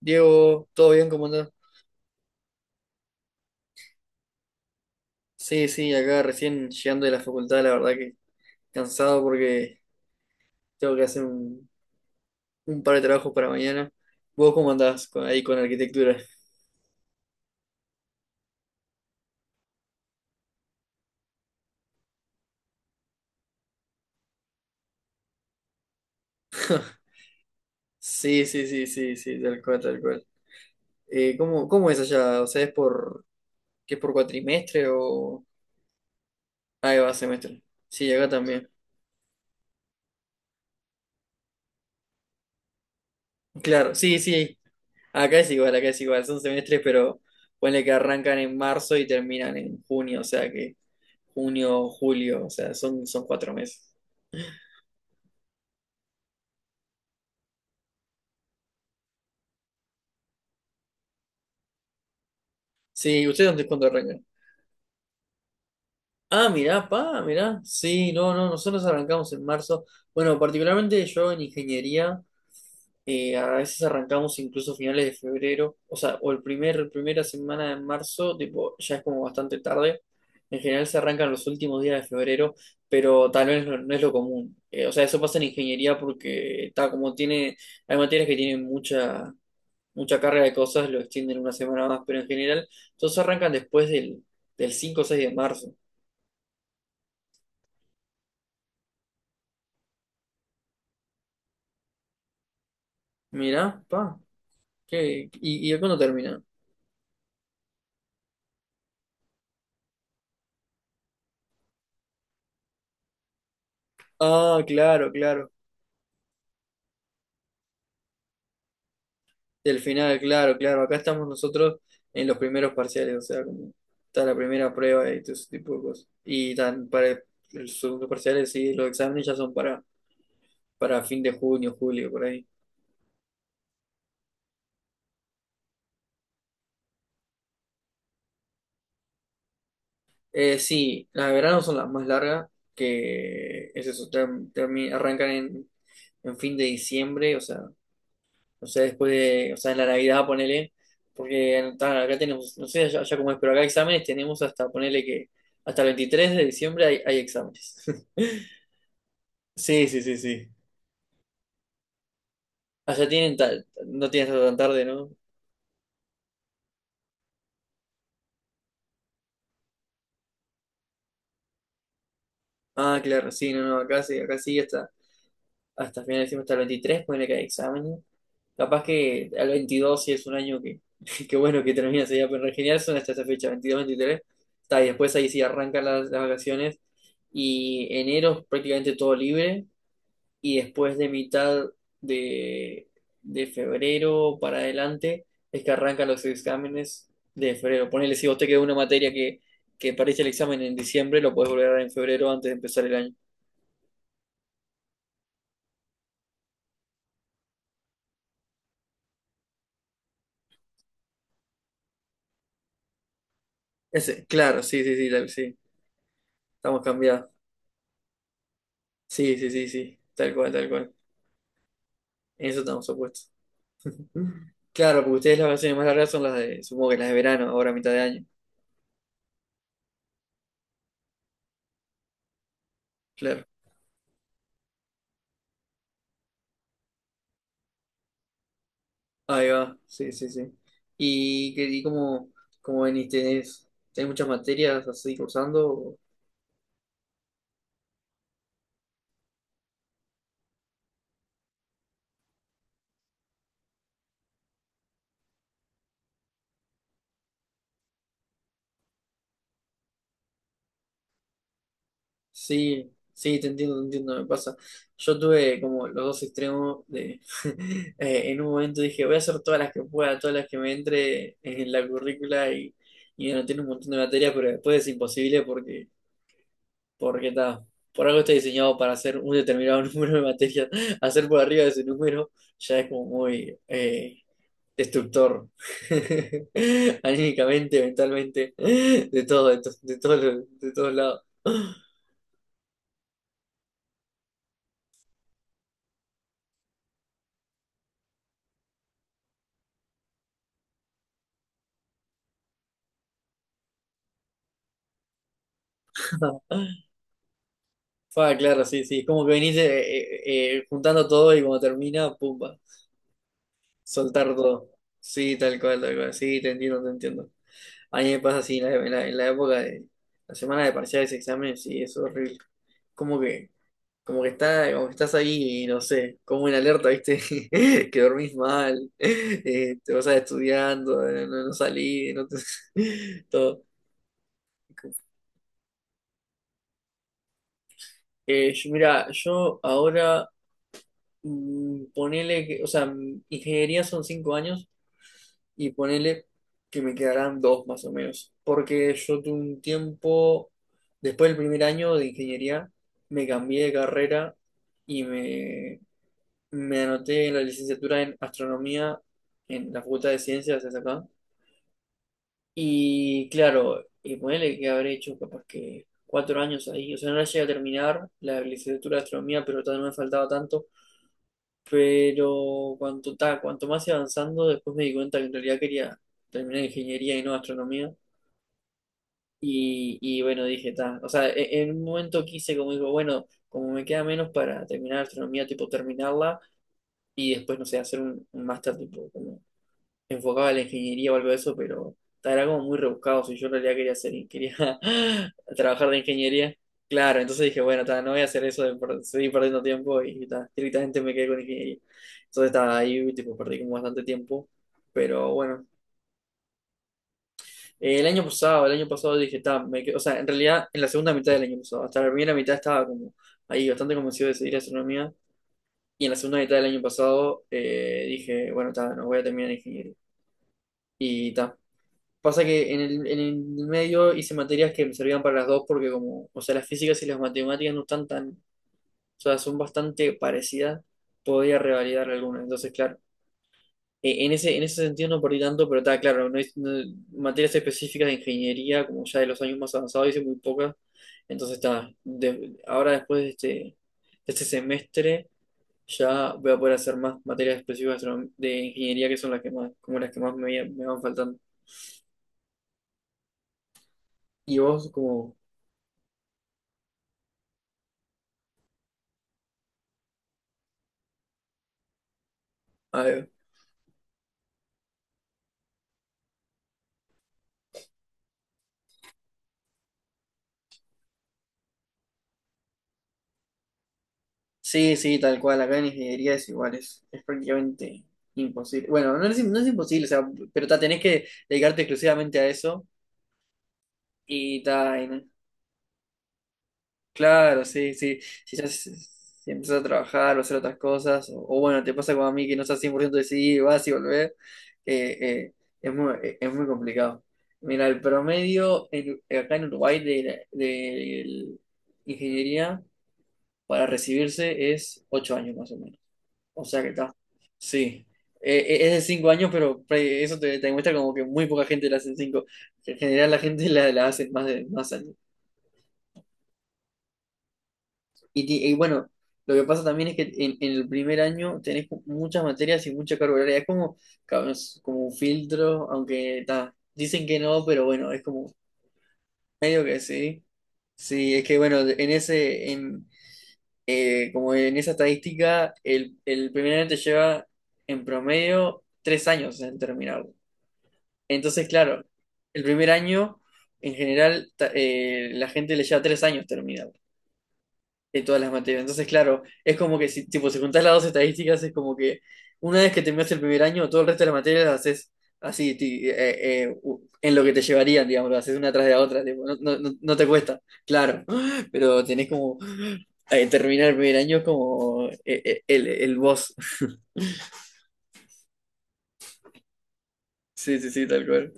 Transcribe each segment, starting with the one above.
Diego, ¿todo bien? ¿Cómo andás? Sí, sí, acá recién llegando de la facultad, la verdad que cansado porque tengo que hacer un par de trabajos para mañana. ¿Vos cómo andás ahí con arquitectura? Sí, sí, sí, sí, sí, tal cual, tal cual. ¿Cómo es allá? O sea, ¿ qué es por cuatrimestre o...? Ahí va, semestre. Sí, acá también. Claro, sí, sí, acá es igual, son semestres, pero ponle que arrancan en marzo y terminan en junio, o sea que junio, julio, o sea, son 4 meses. Sí, ¿ustedes dónde cuándo arrancan? Ah, mirá, pa, mirá. Sí, no, no, nosotros arrancamos en marzo. Bueno, particularmente yo en ingeniería. A veces arrancamos incluso finales de febrero, o sea, o el primera semana de marzo, tipo, ya es como bastante tarde. En general se arrancan los últimos días de febrero, pero tal vez no es lo común. O sea, eso pasa en ingeniería porque está como tiene, hay materias que tienen mucha carga de cosas, lo extienden una semana más, pero en general todos arrancan después del 5 o 6 de marzo. Mirá, pa, ¿qué? ¿Y cuándo termina? Ah, claro, claro. Del final, claro, claro. Acá estamos nosotros en los primeros parciales, o sea, como está la primera prueba y todo ese tipo de cosas. Y tan para los segundos parciales, sí, los exámenes ya son para, fin de junio, julio, por ahí. Sí, las de verano son las más largas, que es eso, arrancan en, fin de diciembre, o sea, después de, o sea, en la Navidad, ponele, porque ta, acá tenemos, no sé allá cómo es, pero acá exámenes tenemos hasta, ponele que hasta el 23 de diciembre hay, exámenes. Sí, sí, sí, sí. Allá tienen no tienen hasta tan tarde, ¿no? Ah, claro, sí, no, no, acá sí, hasta final de diciembre, hasta el 23, ponele que hay exámenes. Capaz que al 22 sí es un año que, que bueno, que termina sería pero en general son hasta esa fecha, 22 23. Está, y después ahí sí arrancan las, vacaciones y enero es prácticamente todo libre y después de mitad de, de febrero para adelante es que arrancan los exámenes de febrero. Ponele, si vos te quedó una materia que parece el examen en diciembre, lo podés volver a dar en febrero antes de empezar el año. Ese, claro, sí, sí, sí, sí, estamos cambiados. Sí, sí, sí, sí, tal cual, tal cual. En eso estamos opuestos. Claro, porque ustedes las vacaciones más largas son las de, supongo que las de verano, ahora a mitad de año. Claro. Ahí va, sí, sí, sí. ¿Y cómo venís? ¿Tenés muchas materias así cursando? Sí, sí, te entiendo, me pasa. Yo tuve como los dos extremos de... en un momento dije, voy a hacer todas las que pueda, todas las que me entre en la currícula y anoté un montón de materias, pero después es imposible porque, está por algo está diseñado para hacer un determinado número de materias. Hacer por arriba de ese número ya es como muy... destructor, anímicamente, mentalmente, de todo, de, to- de todos los- de todos lados. Fa, claro, sí, sí, es como que venís juntando todo y cuando termina, pumba, soltar todo. Sí, tal cual, sí, te entiendo, te entiendo. A mí me pasa así en la, en la época de la semana de parciales, exámenes, sí, es horrible. Como que como que estás ahí, no sé, como en alerta, ¿viste? Que dormís mal, te vas a estudiando, no salís, no te... todo. Mira, yo ahora ponele que, o sea, ingeniería son 5 años y ponele que me quedarán dos más o menos. Porque yo tuve un tiempo, después del primer año de ingeniería, me cambié de carrera y me anoté en la licenciatura en astronomía en la Facultad de Ciencias es acá. Y claro, y ponele que habré hecho capaz que 4 años ahí. O sea, no la llegué a terminar la licenciatura de astronomía, pero todavía no me faltaba tanto. Pero cuanto más iba avanzando, después me di cuenta que en realidad quería terminar ingeniería y no astronomía. Y bueno, dije, ta. O sea, en un momento quise, como digo, bueno, como me queda menos para terminar astronomía, tipo terminarla y después, no sé, hacer un, máster, tipo, como enfocaba a la ingeniería o algo de eso, pero era como muy rebuscado. Si yo en realidad quería trabajar de ingeniería, claro, entonces dije, bueno, ta, no voy a hacer eso de seguir perdiendo tiempo y ta, directamente me quedé con ingeniería. Entonces estaba ahí, tipo, perdí como bastante tiempo. Pero bueno, El año pasado, el año pasado, dije, ta, o sea, en realidad en la segunda mitad del año pasado, hasta la primera mitad estaba como ahí bastante convencido de seguir astronomía. Y en la segunda mitad del año pasado dije, bueno, ta, no voy a terminar ingeniería. Y ta, Pasa que en el, medio hice materias que me servían para las dos porque como, o sea, las físicas y las matemáticas no están tan, o sea, son bastante parecidas, podía revalidar algunas. Entonces, claro, en ese, sentido no perdí tanto, pero está claro, materias específicas de ingeniería, como ya de los años más avanzados, hice muy pocas. Entonces, está, ahora después de este semestre ya voy a poder hacer más materias específicas de de ingeniería que son las que más, como las que más me van faltando. ¿Y vos, como... Sí, sí, tal cual. Acá en ingeniería es igual, es, prácticamente imposible. Bueno, no es imposible, o sea, pero ta, tenés que dedicarte exclusivamente a eso. Y ta, claro, sí, sí. Si ya si empezás a trabajar o hacer otras cosas, o, bueno, te pasa como a mí que no estás 100% decidido, vas y volvés, eh, eh, es muy complicado. Mira, el promedio acá en Uruguay de ingeniería para recibirse es 8 años más o menos. O sea que está. Sí. Es de 5 años, pero eso te, demuestra como que muy poca gente la hace en cinco. En general la gente la hace más de más años. Y bueno, lo que pasa también es que en el primer año tenés muchas materias y mucha carga horaria. Es como un filtro, aunque ta, dicen que no, pero bueno, es como medio que sí. Sí, es que bueno, como en esa estadística, el primer año te lleva en promedio 3 años en terminar. Entonces, claro, el primer año, en general, la gente le lleva 3 años terminar de todas las materias. Entonces, claro, es como que si, tipo, si juntás las dos estadísticas, es como que una vez que terminas el primer año, todo el resto de las materias las haces así, en lo que te llevarían, digamos, las haces una tras de la otra, tipo, no, no te cuesta, claro, pero tenés como terminar el primer año es como el boss. Sí, sí, sí, tal cual.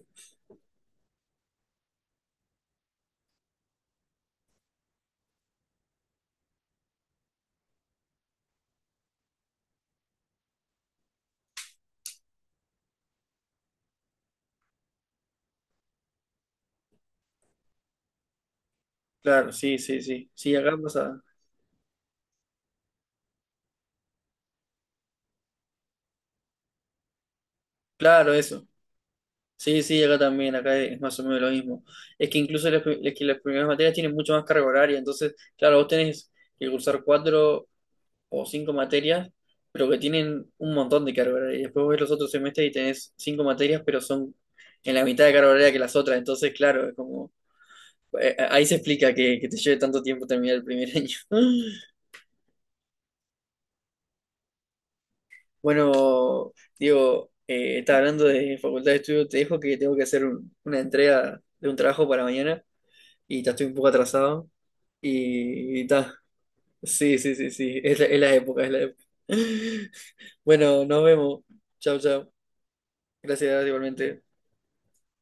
Claro, sí, sí, sí. Sí, acá pasa. Claro, eso. Sí, sí, acá también, acá es más o menos lo mismo. Es que incluso las primeras materias tienen mucho más carga horaria, entonces, claro, vos tenés que cursar cuatro o cinco materias, pero que tienen un montón de carga horaria. Y después ves los otros semestres y tenés cinco materias, pero son en la mitad de carga horaria que las otras, entonces, claro, es como... Ahí se explica que, te lleve tanto tiempo terminar el primer año. Bueno, Diego, está hablando de facultad de estudio, te dejo que tengo que hacer una entrega de un trabajo para mañana. Y ya estoy un poco atrasado. Y ta. Sí, sí, sí, sí. Es la época, es la época. Bueno, nos vemos. Chao, chao. Gracias, igualmente.